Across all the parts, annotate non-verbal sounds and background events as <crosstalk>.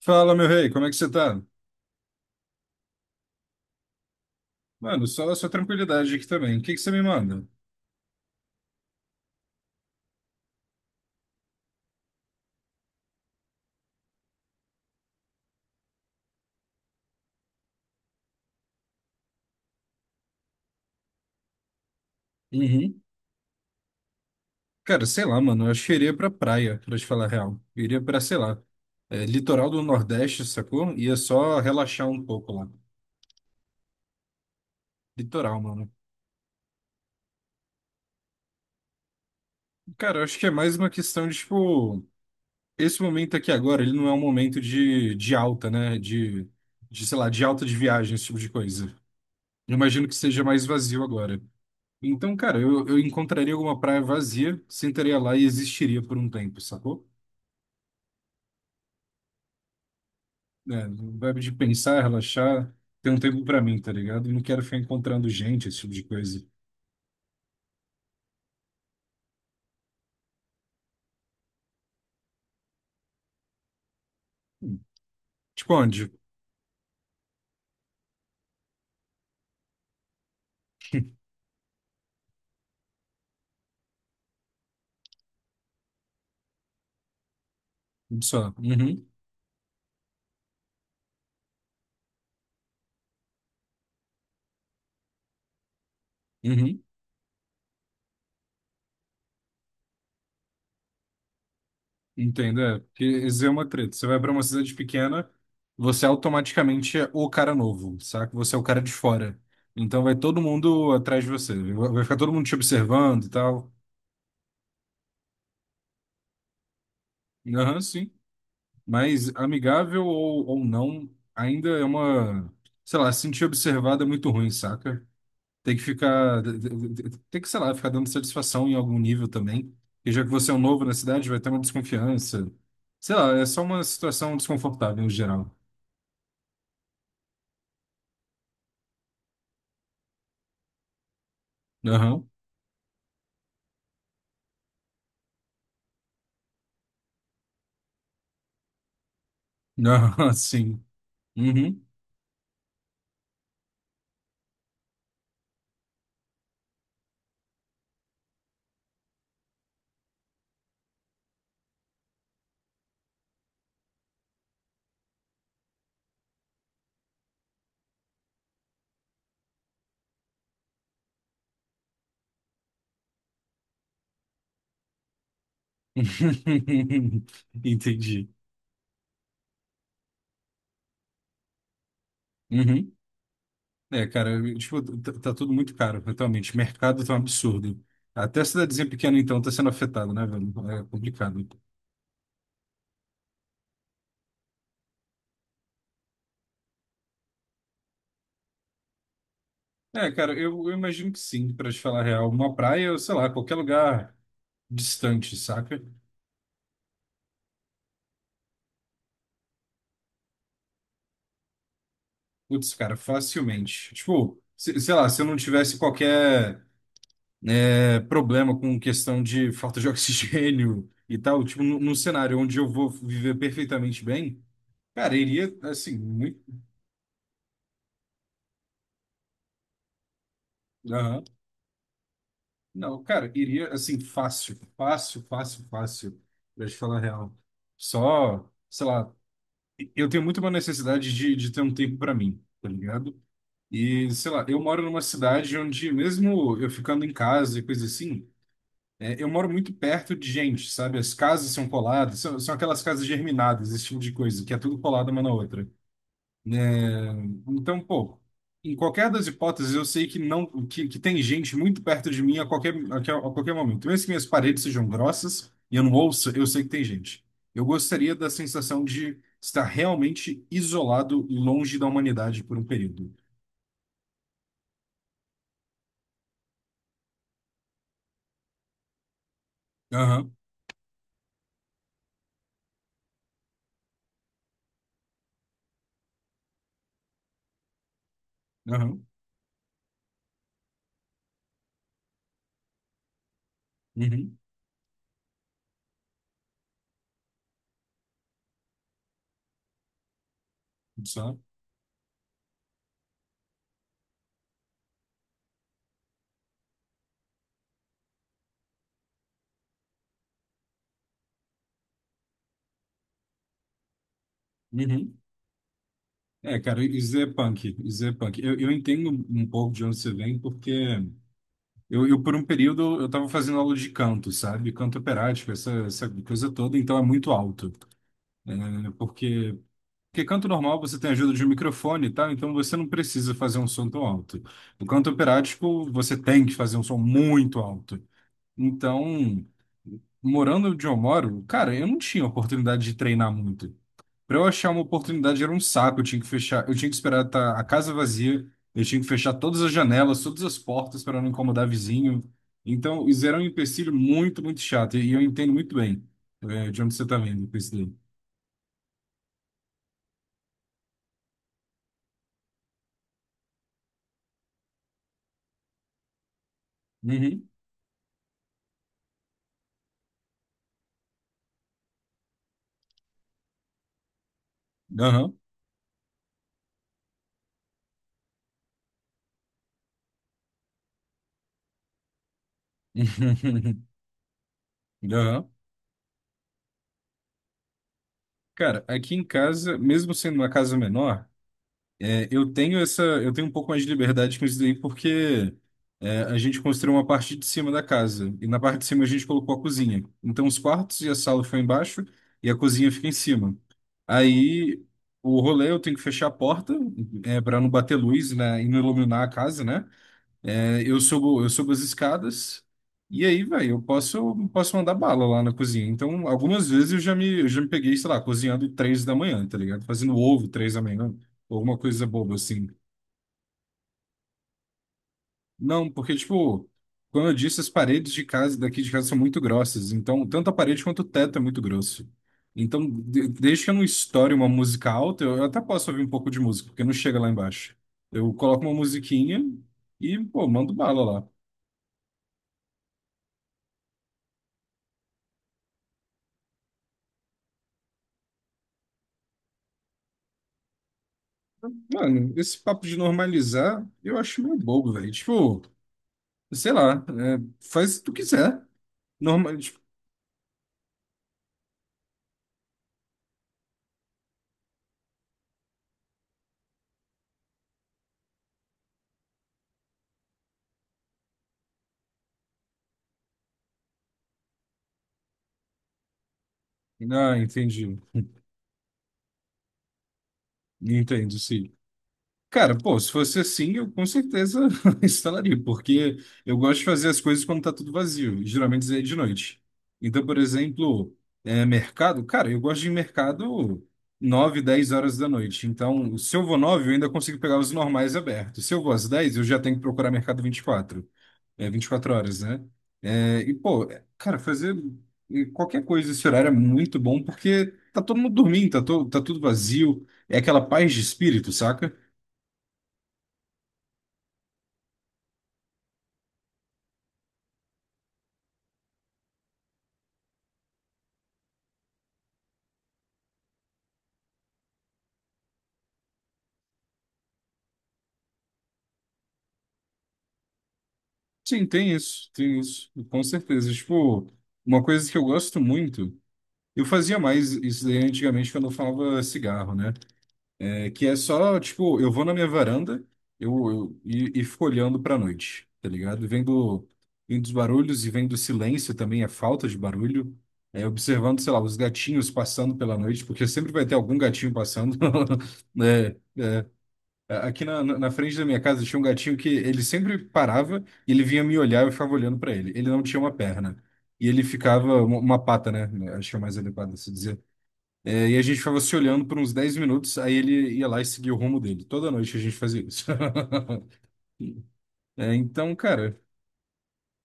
Fala, meu rei, como é que você tá? Mano, só a sua tranquilidade aqui também. O que que você me manda? Uhum. Cara, sei lá, mano, eu acho que eu iria pra praia, pra te falar a real. Eu iria pra, sei lá, litoral do Nordeste, sacou? Ia só relaxar um pouco lá. Litoral, mano. Cara, eu acho que é mais uma questão de, tipo, esse momento aqui agora, ele não é um momento de, alta, né? De, sei lá, de alta de viagem, esse tipo de coisa. Eu imagino que seja mais vazio agora. Então, cara, eu encontraria alguma praia vazia, sentaria lá e existiria por um tempo, sacou? É, vibe de pensar, relaxar, ter um tempo pra mim, tá ligado? Não quero ficar encontrando gente, esse tipo de coisa. Tipo onde? Só. Uhum, uhum. Entendo, é. Porque isso é uma treta. Você vai pra uma cidade pequena, você automaticamente é o cara novo, saca? Você é o cara de fora. Então vai todo mundo atrás de você. Vai ficar todo mundo te observando e tal. Aham, sim. Mas amigável ou, não, ainda é uma, sei lá, se sentir observado é muito ruim, saca? Tem que ficar, sei lá, ficar dando satisfação em algum nível também. E já que você é um novo na cidade, vai ter uma desconfiança. Sei lá, é só uma situação desconfortável em geral. Aham, aham, <laughs> sim. Uhum. <laughs> Entendi. Uhum. É, cara, tipo, tá tudo muito caro, atualmente. O mercado tá um absurdo. Até a cidadezinha pequena, então, tá sendo afetada, né, velho? É complicado. É, cara, eu imagino que sim, pra te falar a real. Uma praia, ou sei lá, qualquer lugar distante, saca? Putz, cara, facilmente. Tipo, sei lá, se eu não tivesse qualquer problema com questão de falta de <laughs> oxigênio e tal, tipo, num cenário onde eu vou viver perfeitamente bem, cara, iria, assim, muito. Não, cara, iria assim, fácil, fácil, fácil, fácil, pra te falar a real. Só, sei lá, eu tenho muito uma necessidade de, ter um tempo pra mim, tá ligado? E, sei lá, eu moro numa cidade onde, mesmo eu ficando em casa e coisa assim, eu moro muito perto de gente, sabe? As casas são coladas, são aquelas casas germinadas, esse tipo de coisa, que é tudo colado uma na outra, né? Então, pô, em qualquer das hipóteses, eu sei que não, que, tem gente muito perto de mim a qualquer momento. Mesmo que minhas paredes sejam grossas e eu não ouça, eu sei que tem gente. Eu gostaria da sensação de estar realmente isolado e longe da humanidade por um período. Aham, aham, uhum, só, uhum. É, cara, isso é punk, isso é punk. Eu entendo um pouco de onde você vem, porque eu, por um período, eu estava fazendo aula de canto, sabe? Canto operático, essa coisa toda, então é muito alto, né? Porque, canto normal você tem ajuda de um microfone e tal, então você não precisa fazer um som tão alto. No canto operático, você tem que fazer um som muito alto. Então, morando onde eu moro, cara, eu não tinha oportunidade de treinar muito. Para eu achar uma oportunidade era um saco, eu tinha que esperar tá a casa vazia, eu tinha que fechar todas as janelas, todas as portas para não incomodar vizinho. Então, isso era um empecilho muito, muito chato, e eu entendo muito bem, de onde você está vindo com isso daí. Uhum. Aham. <laughs> Aham. Cara, aqui em casa, mesmo sendo uma casa menor, eu tenho um pouco mais de liberdade com isso daí, porque a gente construiu uma parte de cima da casa, e na parte de cima a gente colocou a cozinha. Então os quartos e a sala ficam embaixo, e a cozinha fica em cima. Aí o rolê eu tenho que fechar a porta, para não bater luz, né, e não iluminar a casa, né? É, eu subo as escadas e aí, velho, eu posso mandar bala lá na cozinha. Então, algumas vezes eu já me peguei, sei lá, cozinhando 3 da manhã, tá ligado? Fazendo ovo 3 da manhã, ou alguma coisa boba assim. Não, porque, tipo, como eu disse, as paredes de casa, daqui de casa são muito grossas. Então, tanto a parede quanto o teto é muito grosso. Então, desde que eu não estoure uma música alta, eu até posso ouvir um pouco de música, porque não chega lá embaixo. Eu coloco uma musiquinha e, pô, mando bala lá. Mano, esse papo de normalizar, eu acho meio bobo, velho. Tipo, sei lá, faz o que tu quiser. Normal, tipo, ah, entendi. Entendo, sim. Cara, pô, se fosse assim, eu com certeza <laughs> instalaria, porque eu gosto de fazer as coisas quando tá tudo vazio, e geralmente isso é de noite. Então, por exemplo, mercado, cara, eu gosto de ir em mercado 9 10 horas da noite. Então, se eu vou 9 eu ainda consigo pegar os normais abertos. Se eu vou às 10 eu já tenho que procurar mercado 24. É 24 horas, né? É, e, pô, é, cara, fazer qualquer coisa esse horário é muito bom porque tá todo mundo dormindo, tá tudo vazio. É aquela paz de espírito, saca? Sim, tem isso, com certeza. Tipo, uma coisa que eu gosto muito, eu fazia mais isso daí antigamente quando eu falava cigarro, né? É que é só, tipo, eu vou na minha varanda e fico olhando pra noite, tá ligado? Vendo os barulhos e vendo o silêncio também, a falta de barulho. É, observando, sei lá, os gatinhos passando pela noite, porque sempre vai ter algum gatinho passando, <laughs> né? Aqui na frente da minha casa tinha um gatinho que ele sempre parava, e ele vinha me olhar e eu ficava olhando pra ele. Ele não tinha uma perna. E ele ficava, uma pata, né? Acho que é mais adequado se dizer e a gente ficava se olhando por uns 10 minutos, aí ele ia lá e seguia o rumo dele. Toda noite a gente fazia isso. <laughs> É, então, cara,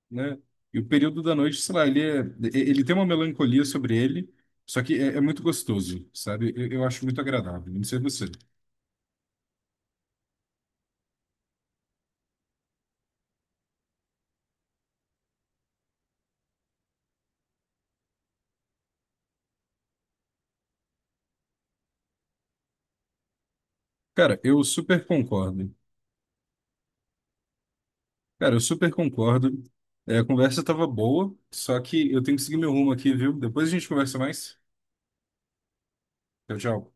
né? E o período da noite, sei lá, ele, ele tem uma melancolia sobre ele, só que é muito gostoso, sabe? Eu acho muito agradável, não sei você. Cara, eu super concordo. Cara, eu super concordo. É, a conversa tava boa, só que eu tenho que seguir meu rumo aqui, viu? Depois a gente conversa mais. Tchau, tchau.